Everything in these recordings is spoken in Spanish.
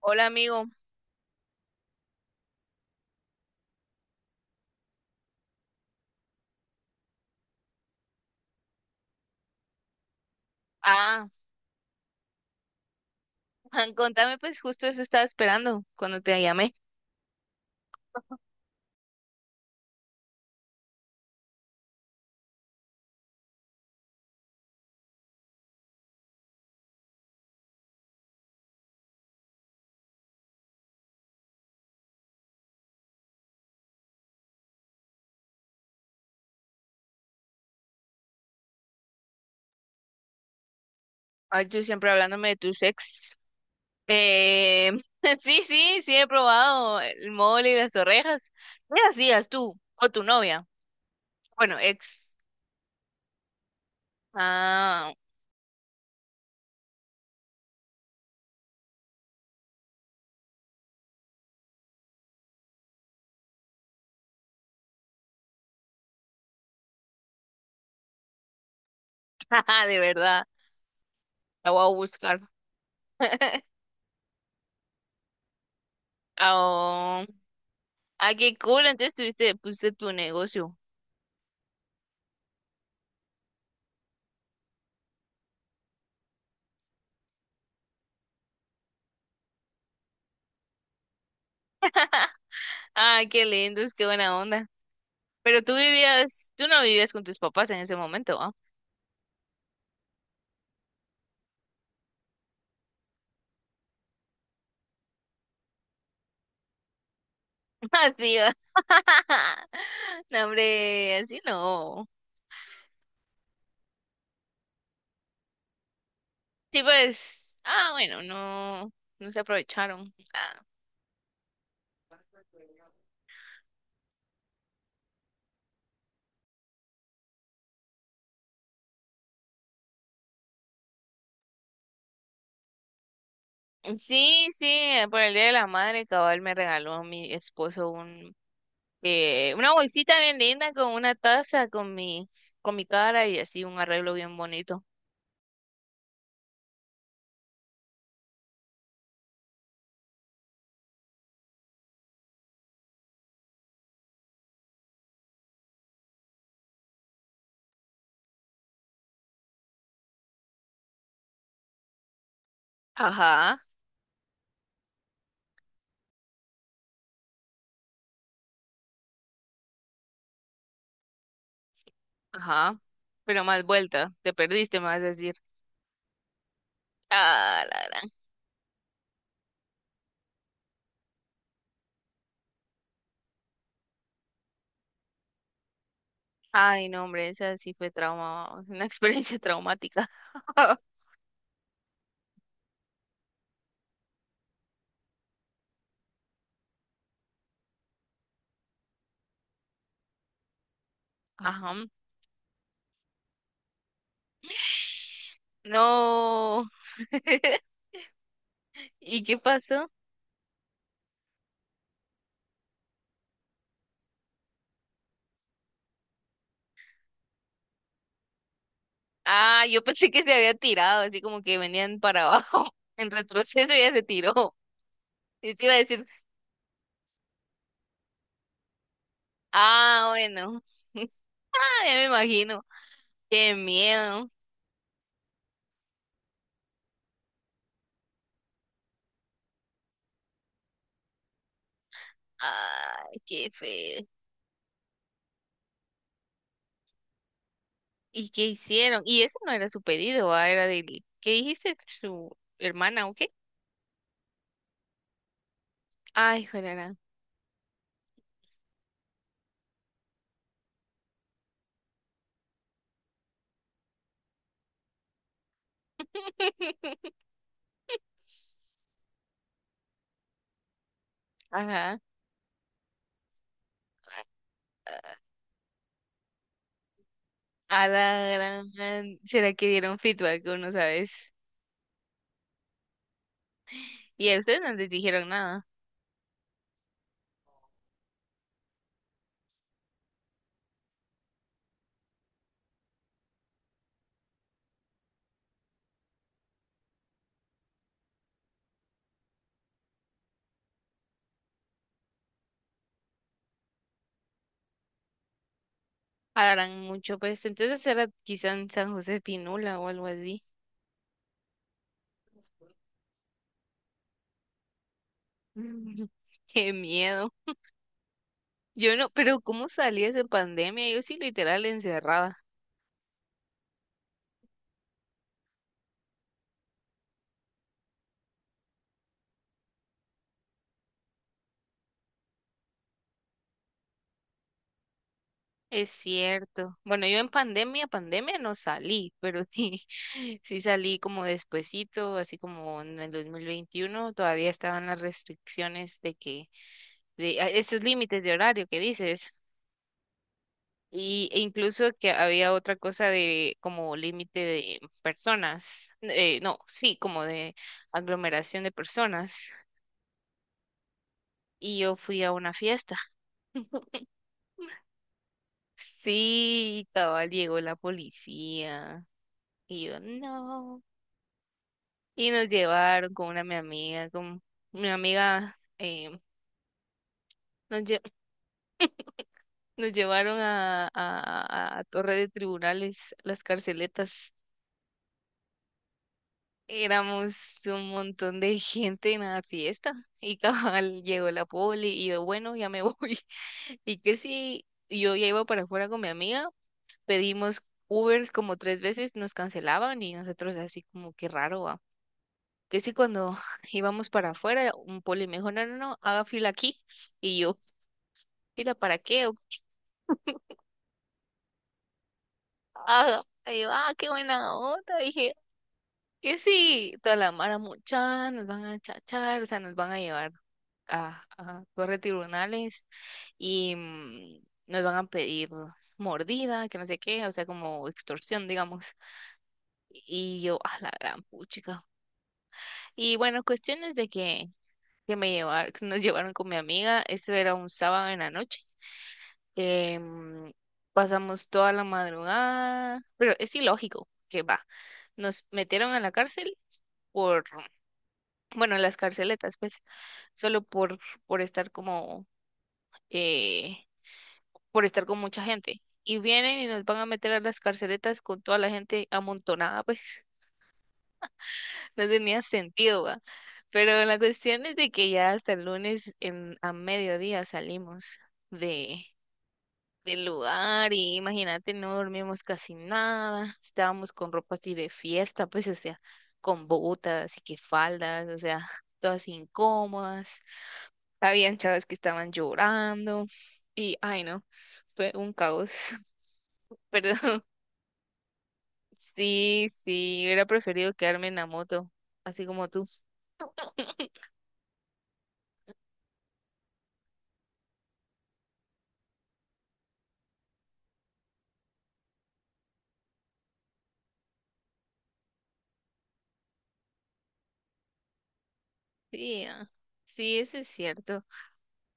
Hola amigo. Ah, Juan, contame pues justo eso estaba esperando cuando te llamé. Ay, tú siempre hablándome de tus ex. Eh, sí, sí, sí he probado el mole y las orejas. ¿Qué hacías tú o tu novia? Bueno, ex. Ah, de verdad. La voy a buscar. Ah, ah, qué cool. Entonces pusiste tu negocio. Ay, qué lindos, qué buena onda. Pero tú no vivías con tus papás en ese momento, ¿ah? Así va. No, hombre, así no. Sí, pues, ah, bueno, no, no se aprovecharon. Ah. Sí, sí, por el Día de la Madre, cabal me regaló mi esposo una bolsita bien linda con una taza con mi cara y así un arreglo bien bonito. Ajá, ajá. Pero más vuelta, te perdiste, me vas a decir. Ah, la gran. Ay, no, hombre, esa sí fue trauma, una experiencia traumática. Ajá. No. ¿Y qué pasó? Ah, yo pensé que se había tirado, así como que venían para abajo. En retroceso ya se tiró. Y te iba a decir, ah, bueno. Ah, ya me imagino. Qué miedo. Ay, qué feo. ¿Y qué hicieron? Y ese no era su pedido, ¿va? Era del... ¿Qué dijiste? ¿Su hermana o qué? Ay, joder. Ajá. A la gran... ¿Será que dieron feedback? Uno, ¿sabes? Y a ustedes no les dijeron nada. Hablarán mucho, pues entonces era quizá en San José Pinula o algo así. Mm. Qué miedo. Yo no, pero ¿cómo salías en pandemia? Yo sí literal encerrada. Es cierto. Bueno, yo en pandemia, pandemia no salí, pero sí, sí salí como despuesito, así como en el 2021 todavía estaban las restricciones de que, de a- esos límites de horario que dices. E incluso que había otra cosa de como límite de personas, no, sí, como de aglomeración de personas. Y yo fui a una fiesta. Sí, cabal, llegó la policía. Y yo, no. Y nos llevaron con mi amiga, nos, lle- nos llevaron a Torre de Tribunales, las carceletas. Éramos un montón de gente en la fiesta y cabal llegó la poli y yo, bueno, ya me voy. Y que sí, yo ya iba para afuera con mi amiga, pedimos Ubers como tres veces, nos cancelaban y nosotros así como que raro, va. Que sí, cuando íbamos para afuera, un poli me dijo, no, no, no, haga fila aquí. Y yo, ¿fila para qué? "Haga". Y yo, ah, qué buena onda, dije, que sí, toda la mara mucha, nos van a chachar, o sea, nos van a llevar a corre tribunales y nos van a pedir mordida, que no sé qué, o sea, como extorsión, digamos. Y yo, a la gran puchica. Y bueno, cuestiones de que, que nos llevaron con mi amiga, eso era un sábado en la noche. Em, pasamos toda la madrugada, pero es ilógico que va. Nos metieron a la cárcel por bueno, las carceletas, pues, solo por estar como, eh, por estar con mucha gente. Y vienen y nos van a meter a las carceletas con toda la gente amontonada, pues, no tenía sentido, ¿va? Pero la cuestión es de que ya hasta el lunes a mediodía salimos de, del lugar y imagínate, no dormimos casi nada, estábamos con ropa así de fiesta, pues, o sea, con botas y que faldas, o sea, todas incómodas. Habían chavas que estaban llorando y, ay no, fue un caos. Perdón. Sí, sí, hubiera preferido quedarme en la moto, así como tú. Sí, ah, sí, eso es cierto.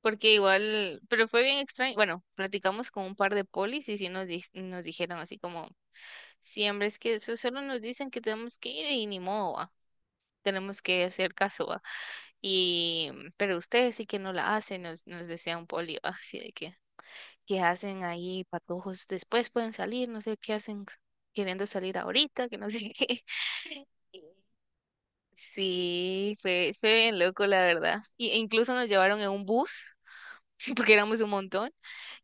Porque igual, pero fue bien extraño. Bueno, platicamos con un par de polis y sí nos, nos dijeron así como, siempre es que eso solo nos dicen que tenemos que ir y ni modo, ah, tenemos que hacer caso, ah". Y, pero ustedes sí que no la hacen, nos decía un poli, va, así de que. Que hacen ahí patojos después pueden salir, no sé qué hacen queriendo salir ahorita, que no sé qué. Y Sí, fue bien loco, la verdad. E incluso nos llevaron en un bus, porque éramos un montón,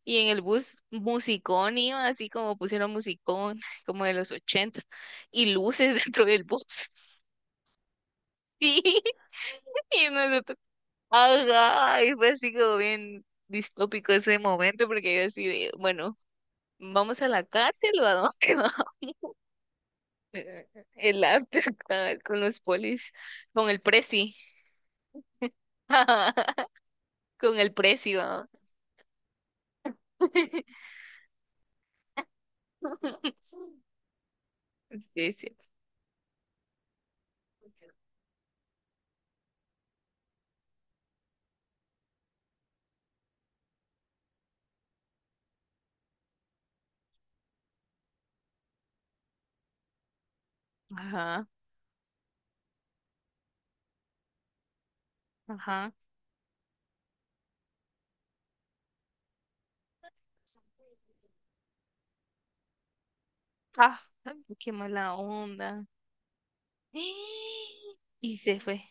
y en el bus musicón iba, así como pusieron musicón, como de los 80 y luces dentro del bus. Sí, y nosotros, ajá, y fue así como bien distópico ese momento, porque yo así de, bueno, ¿vamos a la cárcel o a dónde? ¿No? eh, El arte con los polis, con el preci, con el precio. Sí, sí. Ajá, ajá. Ah, qué mala onda. Y se fue.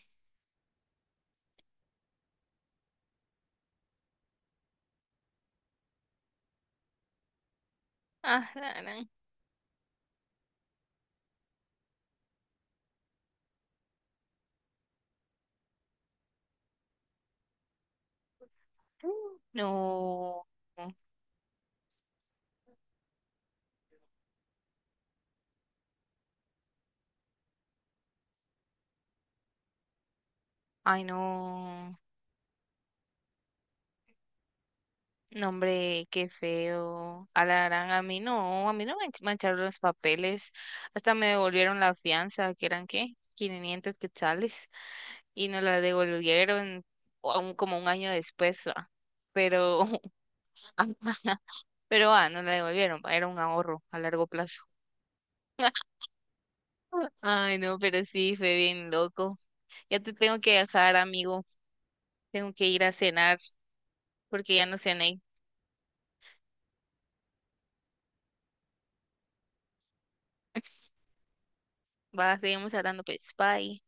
Ah, la gran. No. Ay, no. No, hombre, qué feo. A la gran, a mí no me mancharon los papeles. Hasta me devolvieron la fianza, que eran qué, 500 quetzales, y nos la devolvieron o aún como un año después, ah, pero, ah, pero ah, nos la devolvieron, va, era un ahorro a largo plazo. Ay, no, pero sí, fue bien loco. Ya te tengo que dejar, amigo. Tengo que ir a cenar porque ya no cené. Va, seguimos hablando, pues, bye.